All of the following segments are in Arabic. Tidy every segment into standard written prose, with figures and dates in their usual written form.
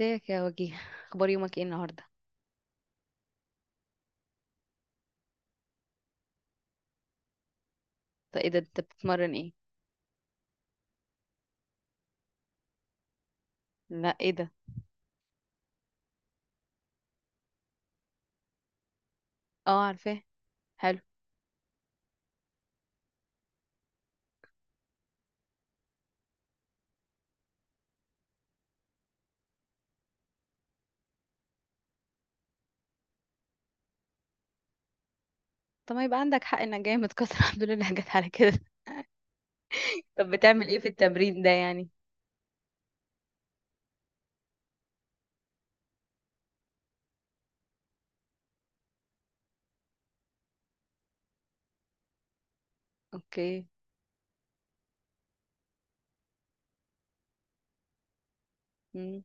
ازيك يا وجيه؟ اخبار يومك ايه النهارده؟ طب ايه ده؟ انت بتتمرن ايه؟ لا، ايه ده؟ اه، عارفاه. حلو. طب ما يبقى عندك حق انك جاي متكسر. الحمد لله جت على كده. طب بتعمل ايه في التمرين ده يعني؟ اوكي. امم.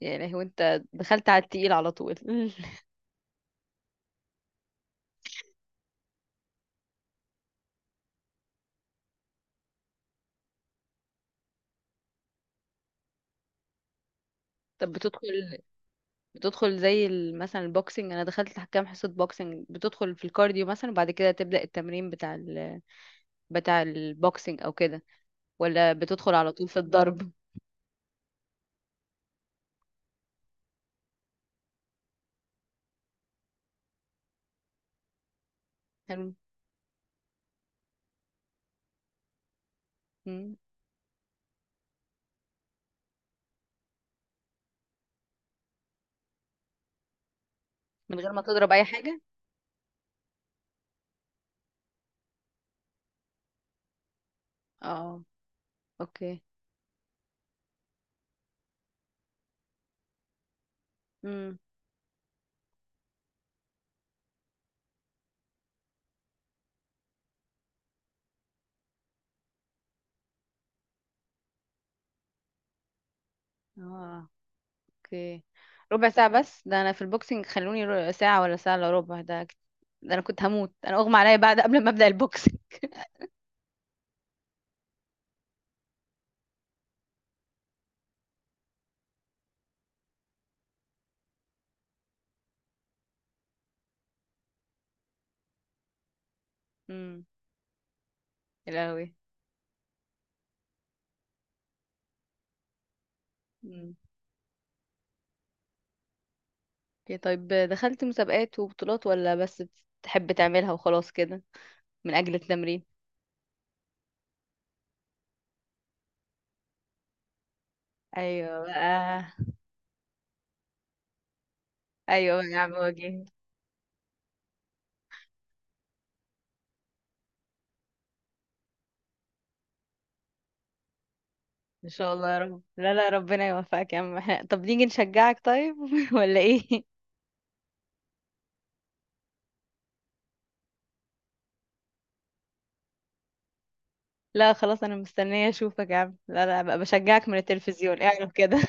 يا لهوي! انت دخلت على التقيل على طول. طب بتدخل زي مثلا البوكسنج، انا دخلت كام حصة بوكسنج، بتدخل في الكارديو مثلا وبعد كده تبدأ التمرين بتاع البوكسنج او كده؟ ولا بتدخل على طول في الضرب؟ حلو. مم. من غير ما تضرب اي حاجة؟ اه. اوكي. امم. اه. اوكي. ربع ساعة بس؟ ده انا في البوكسينج خلوني ساعة ولا ساعة الا ربع. ده ده انا كنت هموت، انا اغمى عليا بعد قبل ما ابدأ البوكسينج. امم. يا لهوي! امم. اوكي. طيب دخلت مسابقات وبطولات، ولا بس بتحب تعملها وخلاص كده من اجل التمرين؟ ايوه بقى! ايوه بقى يا عم وجيه! ان شاء الله يا رب. لا، لا، ربنا يوفقك يا عم. احنا طب نيجي نشجعك طيب؟ ولا ايه؟ لا خلاص، انا مستنيه اشوفك يا عم. لا، لا بقى، بشجعك من التلفزيون اعرف كده.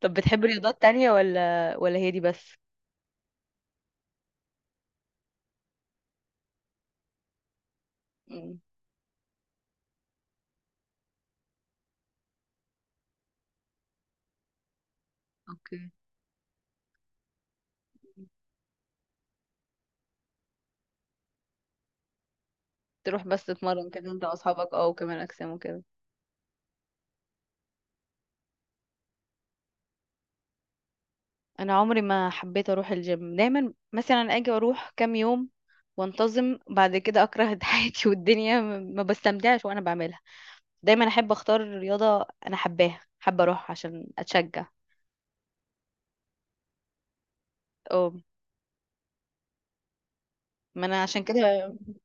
طب بتحب رياضات تانية، ولا هي دي بس؟ مم. اوكي، تروح بس تتمرن كده انت واصحابك اه، وكمال اجسام وكده؟ انا عمري ما حبيت اروح الجيم. دايما مثلا اجي اروح كام يوم وانتظم، بعد كده اكره حياتي والدنيا، ما بستمتعش وانا بعملها. دايما احب اختار رياضة انا حباها، حابة اروح عشان اتشجع. اه، ما انا عشان كده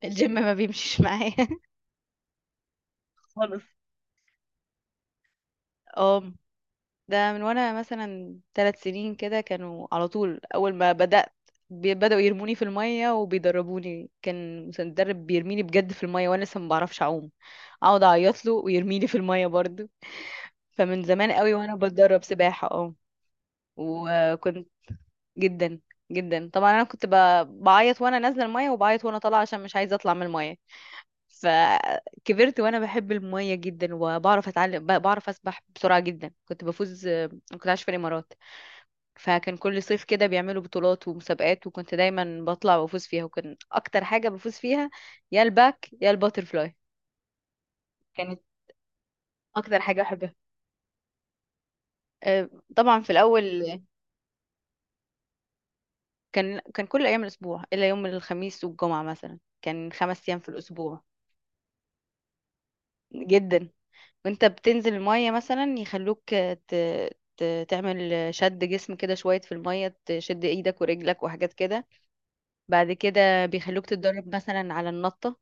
الجيم ما بيمشيش معايا. خالص. اه، ده من وانا مثلا 3 سنين كده. كانوا على طول اول ما بدأت، بدأوا يرموني في المية وبيدربوني. كان مدرب بيرميني بجد في المية وانا لسه ما بعرفش اعوم. اقعد اعيط له ويرميني في المية برضو. فمن زمان قوي وانا بتدرب سباحة. اه، وكنت جدا، جدا طبعا. انا كنت بعيط وانا نازلة المية، وبعيط وانا طالعة عشان مش عايزة اطلع من المية. فكبرت وانا بحب المية جدا، وبعرف اتعلم، بعرف اسبح بسرعة جدا، كنت بفوز. كنت عايشة في الامارات، فكان كل صيف كده بيعملوا بطولات ومسابقات، وكنت دايما بطلع وافوز فيها، وكان اكتر حاجه بفوز فيها يا الباك يا الباترفلاي. كانت اكتر حاجه احبها. آه، طبعا في الاول كان كل ايام الاسبوع الا يوم الخميس والجمعه. مثلا كان 5 ايام في الاسبوع. جدا. وانت بتنزل الميه مثلا، يخلوك تعمل شد جسم كده شوية في المية، تشد ايدك ورجلك وحاجات كده. بعد كده بيخلوك تتدرب مثلا على النطة.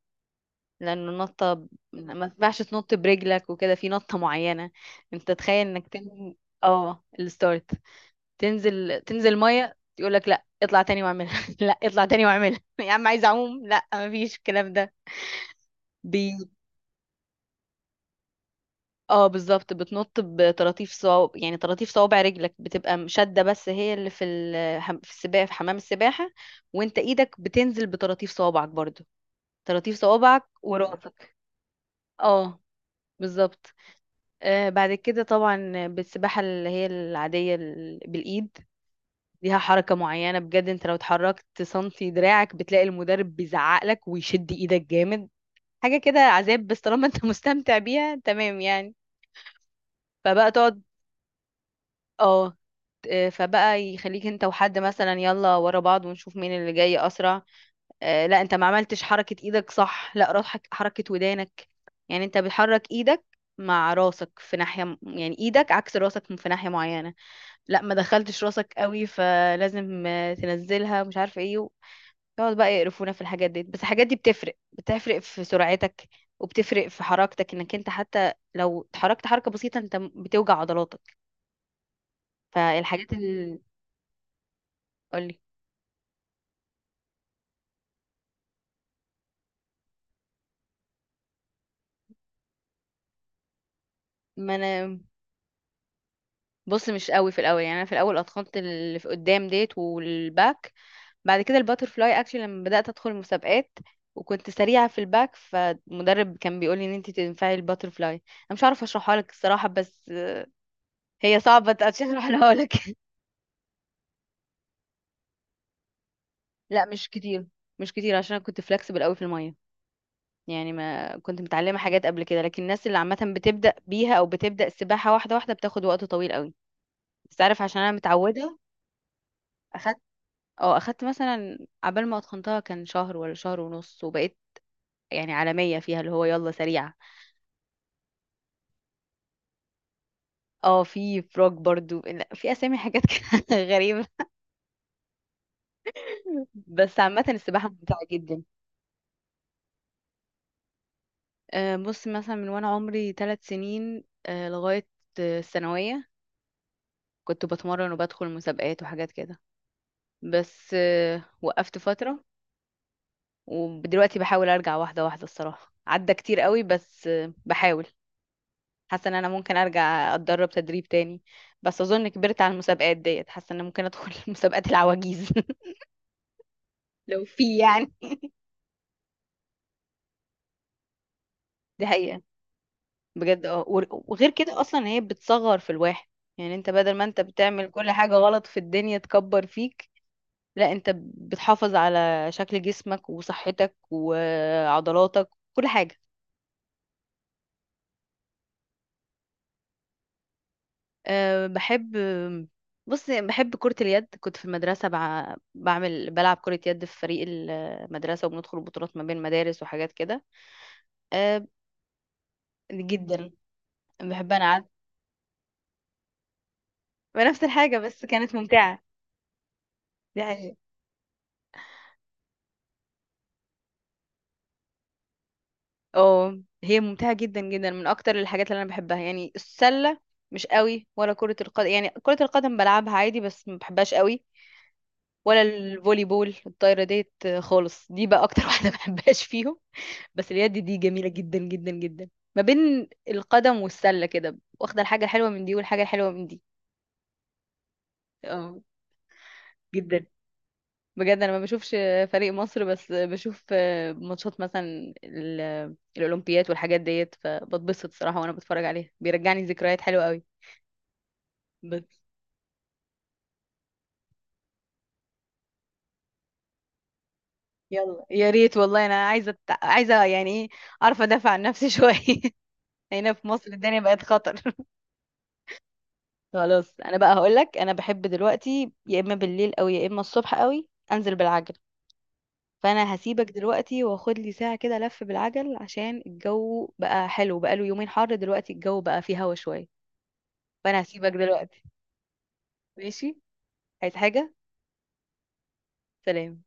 لانه النطه ما ينفعش تنط برجلك وكده، في نطه معينه. انت تخيل انك تن... اه الستارت. تنزل ميه، يقول لك لا اطلع تاني واعملها، لا اطلع تاني واعملها. يا عم عايز اعوم. لا، مفيش الكلام ده. بي اه، بالظبط، بتنط بطراطيف صوابع. يعني طراطيف صوابع رجلك بتبقى شده، بس هي اللي في ال... حم- في السباحه في حمام السباحه. وانت ايدك بتنزل بطراطيف صوابعك برضو، طراطيف صوابعك وراسك. اه بالظبط. بعد كده طبعا بالسباحة اللي هي العادية بالإيد، ليها حركة معينة بجد. انت لو اتحركت سنتي دراعك بتلاقي المدرب بيزعق لك ويشد ايدك جامد. حاجة كده عذاب، بس طالما انت مستمتع بيها تمام يعني. فبقى تقعد اه آه، فبقى يخليك انت وحد مثلا يلا ورا بعض، ونشوف مين اللي جاي اسرع. لا، انت ما عملتش حركة ايدك صح. لا روح حركة ودانك. يعني انت بتحرك ايدك مع راسك في ناحية، يعني ايدك عكس راسك في ناحية معينة. لا، ما دخلتش راسك قوي، فلازم تنزلها، مش عارفه ايه يقعد بقى يقرفونا في الحاجات دي. بس الحاجات دي بتفرق في سرعتك، وبتفرق في حركتك، انك انت حتى لو اتحركت حركه بسيطه انت بتوجع عضلاتك. فالحاجات اللي، قولي. ما انا بص، مش قوي في الاول. يعني انا في الاول اتخنت اللي في قدام ديت والباك، بعد كده الباترفلاي اكشن لما بدات ادخل مسابقات، وكنت سريعه في الباك، فالمدرب كان بيقولي ان انت تنفعي الباترفلاي. انا مش عارفه اشرحها لك الصراحه، بس هي صعبة عشان احرقها لك. لا مش كتير، مش كتير عشان انا كنت فلكسبل قوي في المية. يعني ما كنت متعلمة حاجات قبل كده، لكن الناس اللي عامة بتبدأ بيها او بتبدأ السباحة واحدة واحدة بتاخد وقت طويل قوي. بس تعرف عشان انا متعودة، اخدت اه اخدت مثلا عبال ما اتقنتها كان شهر ولا شهر ونص، وبقيت يعني عالمية فيها اللي هو يلا سريعة. اه، في فروج برضو. لا، في اسامي حاجات كده غريبة. بس عامة السباحة ممتعة جدا. بص، مثلا من وانا عمري 3 سنين لغاية الثانوية كنت بتمرن وبدخل مسابقات وحاجات كده. بس وقفت فترة. ودلوقتي بحاول ارجع واحدة واحدة. الصراحة عدى كتير قوي، بس بحاول. حاسة ان انا ممكن ارجع اتدرب تدريب تاني، بس اظن كبرت على المسابقات ديت. حاسة ان أنا ممكن ادخل مسابقات العواجيز. لو في يعني. دي حقيقة بجد. اه، وغير كده اصلا هي بتصغر في الواحد. يعني انت بدل ما انت بتعمل كل حاجة غلط في الدنيا تكبر فيك، لا، انت بتحافظ على شكل جسمك وصحتك وعضلاتك، كل حاجة. أه، بحب. بص، بحب كرة اليد. كنت في المدرسة بع... بعمل بلعب كرة يد في فريق المدرسة، وبندخل بطولات ما بين المدارس وحاجات كده. أه. جدا. بحب انا عاد نفس الحاجة، بس كانت ممتعة. دي حقيقة. اه، هي ممتعة جدا جدا، من اكتر الحاجات اللي انا بحبها. يعني السلة مش قوي ولا كرة القدم. يعني كرة القدم بلعبها عادي بس ما بحبهاش قوي. ولا الفولي بول الطايرة ديت، خالص. دي بقى اكتر واحدة ما بحبهاش فيهم. بس اليد دي جميلة جدا، جدا، جدا. ما بين القدم والسلة كده، واخدة الحاجة الحلوة من دي والحاجة الحلوة من دي. اه جدا. بجد انا ما بشوفش فريق مصر، بس بشوف ماتشات مثلا الاولمبيات والحاجات ديت، فبتبسط صراحة وانا بتفرج عليها، بيرجعني ذكريات حلوة قوي. بس. يلا يا ريت والله، انا عايزه يعني ايه، اعرف ادافع عن نفسي شويه. هنا في مصر الدنيا بقت خطر. خلاص. انا بقى هقول لك، انا بحب دلوقتي يا اما بالليل او يا اما الصبح قوي انزل بالعجل. فانا هسيبك دلوقتي، واخد لي ساعة كده لف بالعجل عشان الجو بقى حلو، بقى له يومين حر، دلوقتي الجو بقى فيه هوا شوية. فانا هسيبك دلوقتي. ماشي. عايز حاجة؟ سلام.